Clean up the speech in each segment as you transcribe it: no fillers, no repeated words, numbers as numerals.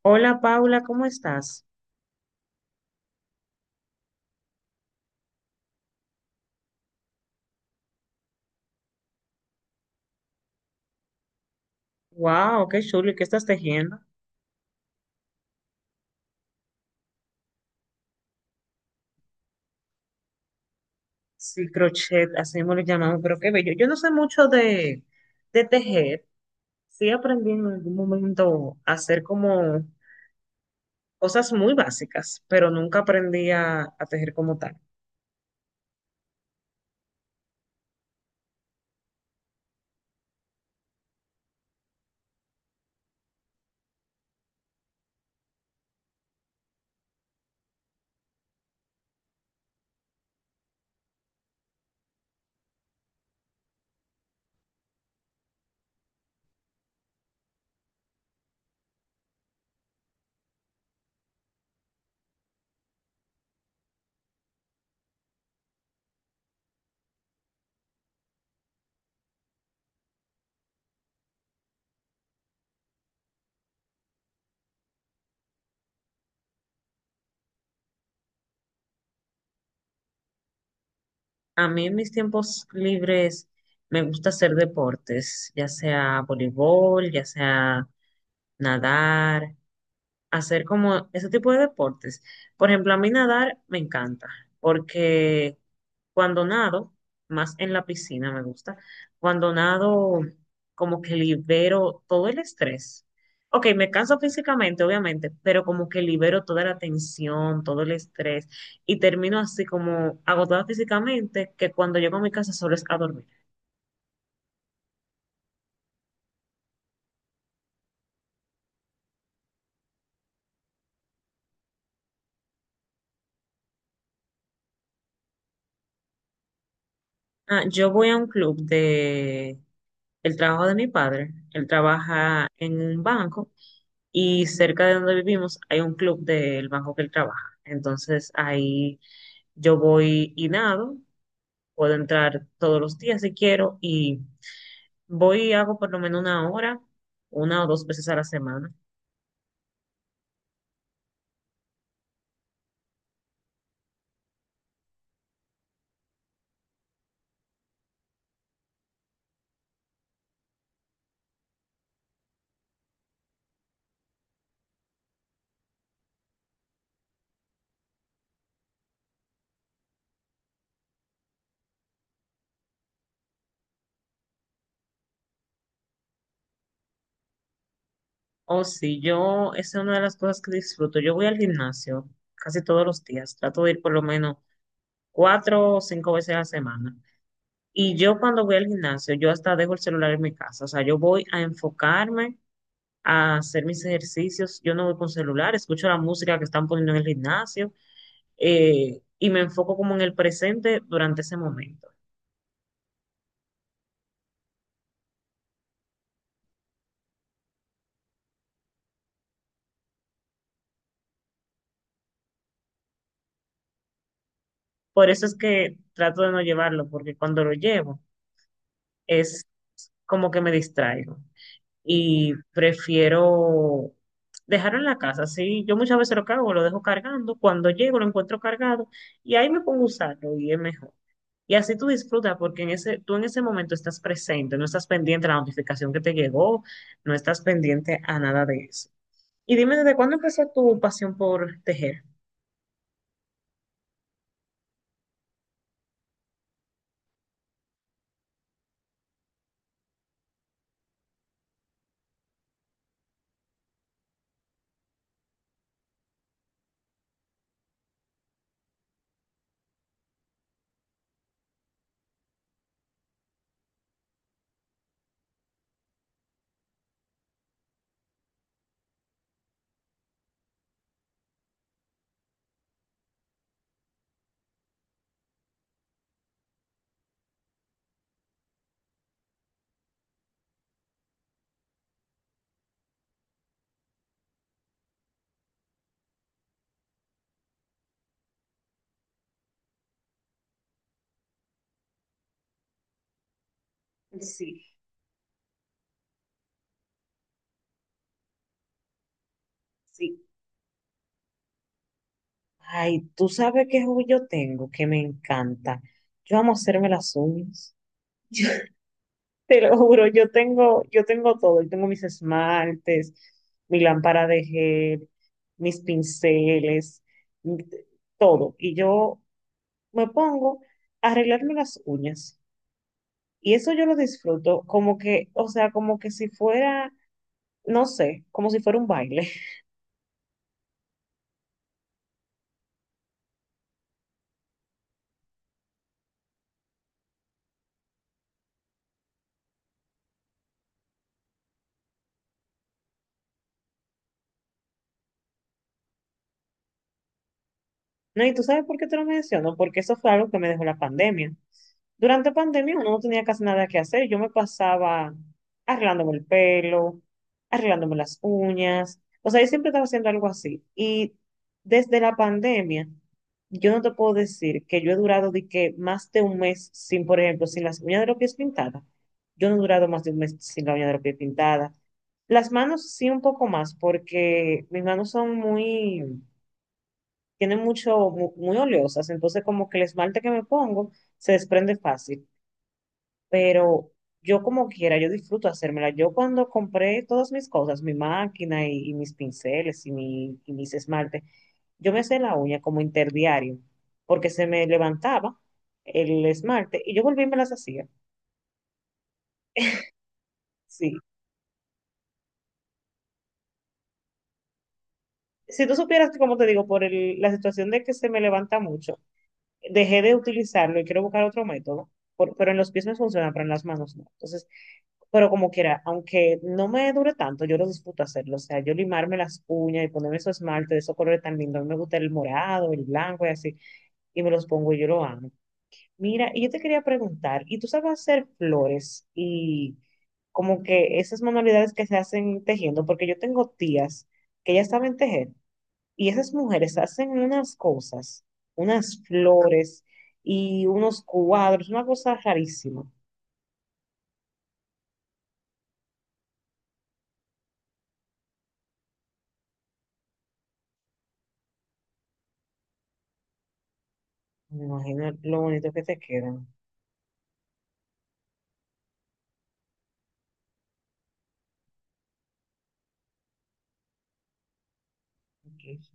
Hola Paula, ¿cómo estás? Wow, qué chulo, ¿y qué estás tejiendo? Sí, crochet, así mismo lo llamamos, pero qué bello. Yo no sé mucho de tejer, sí aprendí en algún momento a hacer como cosas muy básicas, pero nunca aprendí a tejer como tal. A mí en mis tiempos libres me gusta hacer deportes, ya sea voleibol, ya sea nadar, hacer como ese tipo de deportes. Por ejemplo, a mí nadar me encanta porque cuando nado, más en la piscina me gusta, cuando nado como que libero todo el estrés. Ok, me canso físicamente, obviamente, pero como que libero toda la tensión, todo el estrés y termino así como agotada físicamente que cuando llego a mi casa solo es a dormir. Ah, yo voy a un club de el trabajo de mi padre. Él trabaja en un banco y cerca de donde vivimos hay un club del banco que él trabaja. Entonces ahí yo voy y nado, puedo entrar todos los días si quiero y voy y hago por lo menos una hora, una o dos veces a la semana. O si yo, esa es una de las cosas que disfruto. Yo voy al gimnasio casi todos los días, trato de ir por lo menos cuatro o cinco veces a la semana. Y yo cuando voy al gimnasio, yo hasta dejo el celular en mi casa, o sea, yo voy a enfocarme, a hacer mis ejercicios, yo no voy con celular, escucho la música que están poniendo en el gimnasio y me enfoco como en el presente durante ese momento. Por eso es que trato de no llevarlo, porque cuando lo llevo es como que me distraigo y prefiero dejarlo en la casa. Sí, yo muchas veces lo cargo, lo dejo cargando, cuando llego lo encuentro cargado y ahí me pongo a usarlo y es mejor. Y así tú disfrutas porque en ese, tú en ese momento estás presente, no estás pendiente a la notificación que te llegó, no estás pendiente a nada de eso. Y dime, ¿desde cuándo empezó tu pasión por tejer? Sí. Sí. Ay, tú sabes qué hobby yo tengo que me encanta. Yo amo hacerme las uñas. Te lo juro, yo tengo todo. Yo tengo mis esmaltes, mi lámpara de gel, mis pinceles, mi- todo. Y yo me pongo a arreglarme las uñas. Y eso yo lo disfruto como que, o sea, como que si fuera, no sé, como si fuera un baile. No, y tú sabes por qué te lo menciono, porque eso fue algo que me dejó la pandemia. Durante pandemia uno no tenía casi nada que hacer. Yo me pasaba arreglándome el pelo, arreglándome las uñas. O sea, yo siempre estaba haciendo algo así. Y desde la pandemia, yo no te puedo decir que yo he durado de que más de un mes sin, por ejemplo, sin las uñas de los pies pintadas. Yo no he durado más de un mes sin la uña de los pies pintada. Las manos sí un poco más, porque mis manos son muy tienen mucho, mu- muy, oleosas, entonces como que el esmalte que me pongo se desprende fácil, pero yo como quiera, yo disfruto hacérmela. Yo cuando compré todas mis cosas, mi máquina y mis pinceles y mis esmaltes, yo me hacía la uña como interdiario, porque se me levantaba el esmalte y yo volví y me las hacía. Sí. Si tú supieras que, como te digo, por el- la situación de que se me levanta mucho, dejé de utilizarlo y quiero buscar otro método, por- pero en los pies me funciona, pero en las manos no. Entonces, pero como quiera, aunque no me dure tanto, yo lo disfruto hacerlo. O sea, yo limarme las uñas y ponerme esos esmalte de esos colores tan lindos. A mí me gusta el morado, el blanco y así. Y me los pongo y yo lo amo. Mira, y yo te quería preguntar, ¿y tú sabes hacer flores y como que esas manualidades que se hacen tejiendo? Porque yo tengo tías que ya saben tejer y esas mujeres hacen unas cosas, unas flores y unos cuadros, una cosa rarísima. Me imagino lo bonito que te quedan. Ok.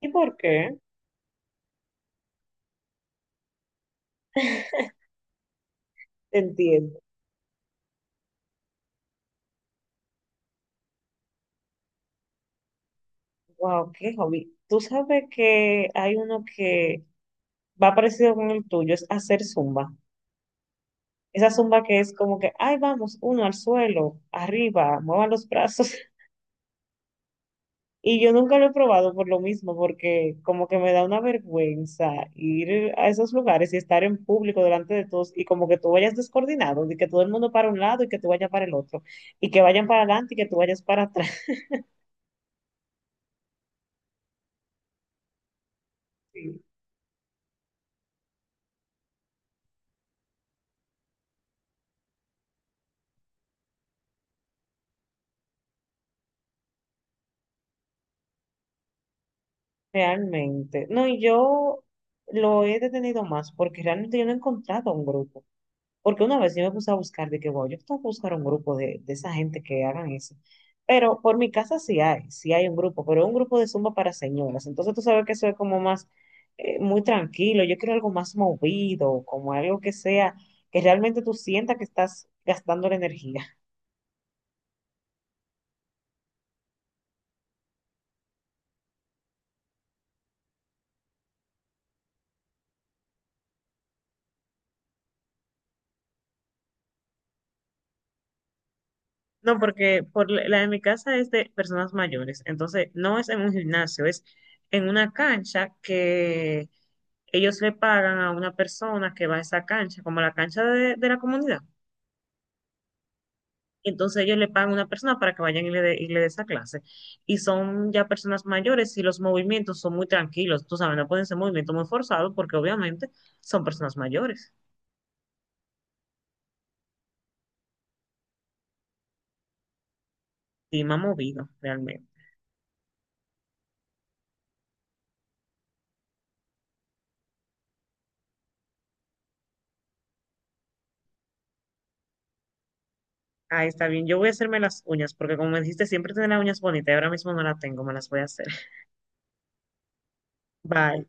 ¿Y por qué? Entiendo. Wow, qué hobby. Tú sabes que hay uno que va parecido con el tuyo, es hacer zumba. Esa zumba que es como que, ay, vamos, uno al suelo, arriba, muevan los brazos. Y yo nunca lo he probado por lo mismo, porque como que me da una vergüenza ir a esos lugares y estar en público delante de todos y como que tú vayas descoordinado, de que todo el mundo para un lado y que tú vayas para el otro, y que vayan para adelante y que tú vayas para atrás. Realmente. No, y yo lo he detenido más porque realmente yo no he encontrado un grupo. Porque una vez yo me puse a buscar, de que, wow, yo tengo que buscar un grupo de esa gente que hagan eso. Pero por mi casa sí hay un grupo, pero es un grupo de Zumba para señoras. Entonces tú sabes que eso es como más, muy tranquilo. Yo quiero algo más movido, como algo que sea, que realmente tú sientas que estás gastando la energía. No, porque por la de mi casa es de personas mayores, entonces no es en un gimnasio, es en una cancha que ellos le pagan a una persona que va a esa cancha, como la cancha de la comunidad. Entonces ellos le pagan a una persona para que vayan y le dé esa clase. Y son ya personas mayores y los movimientos son muy tranquilos, tú sabes, no pueden ser movimientos muy forzados porque obviamente son personas mayores. Y me ha movido realmente. Ah, está bien. Yo voy a hacerme las uñas porque como me dijiste, siempre tener las uñas bonitas y ahora mismo no las tengo, me las voy a hacer. Bye.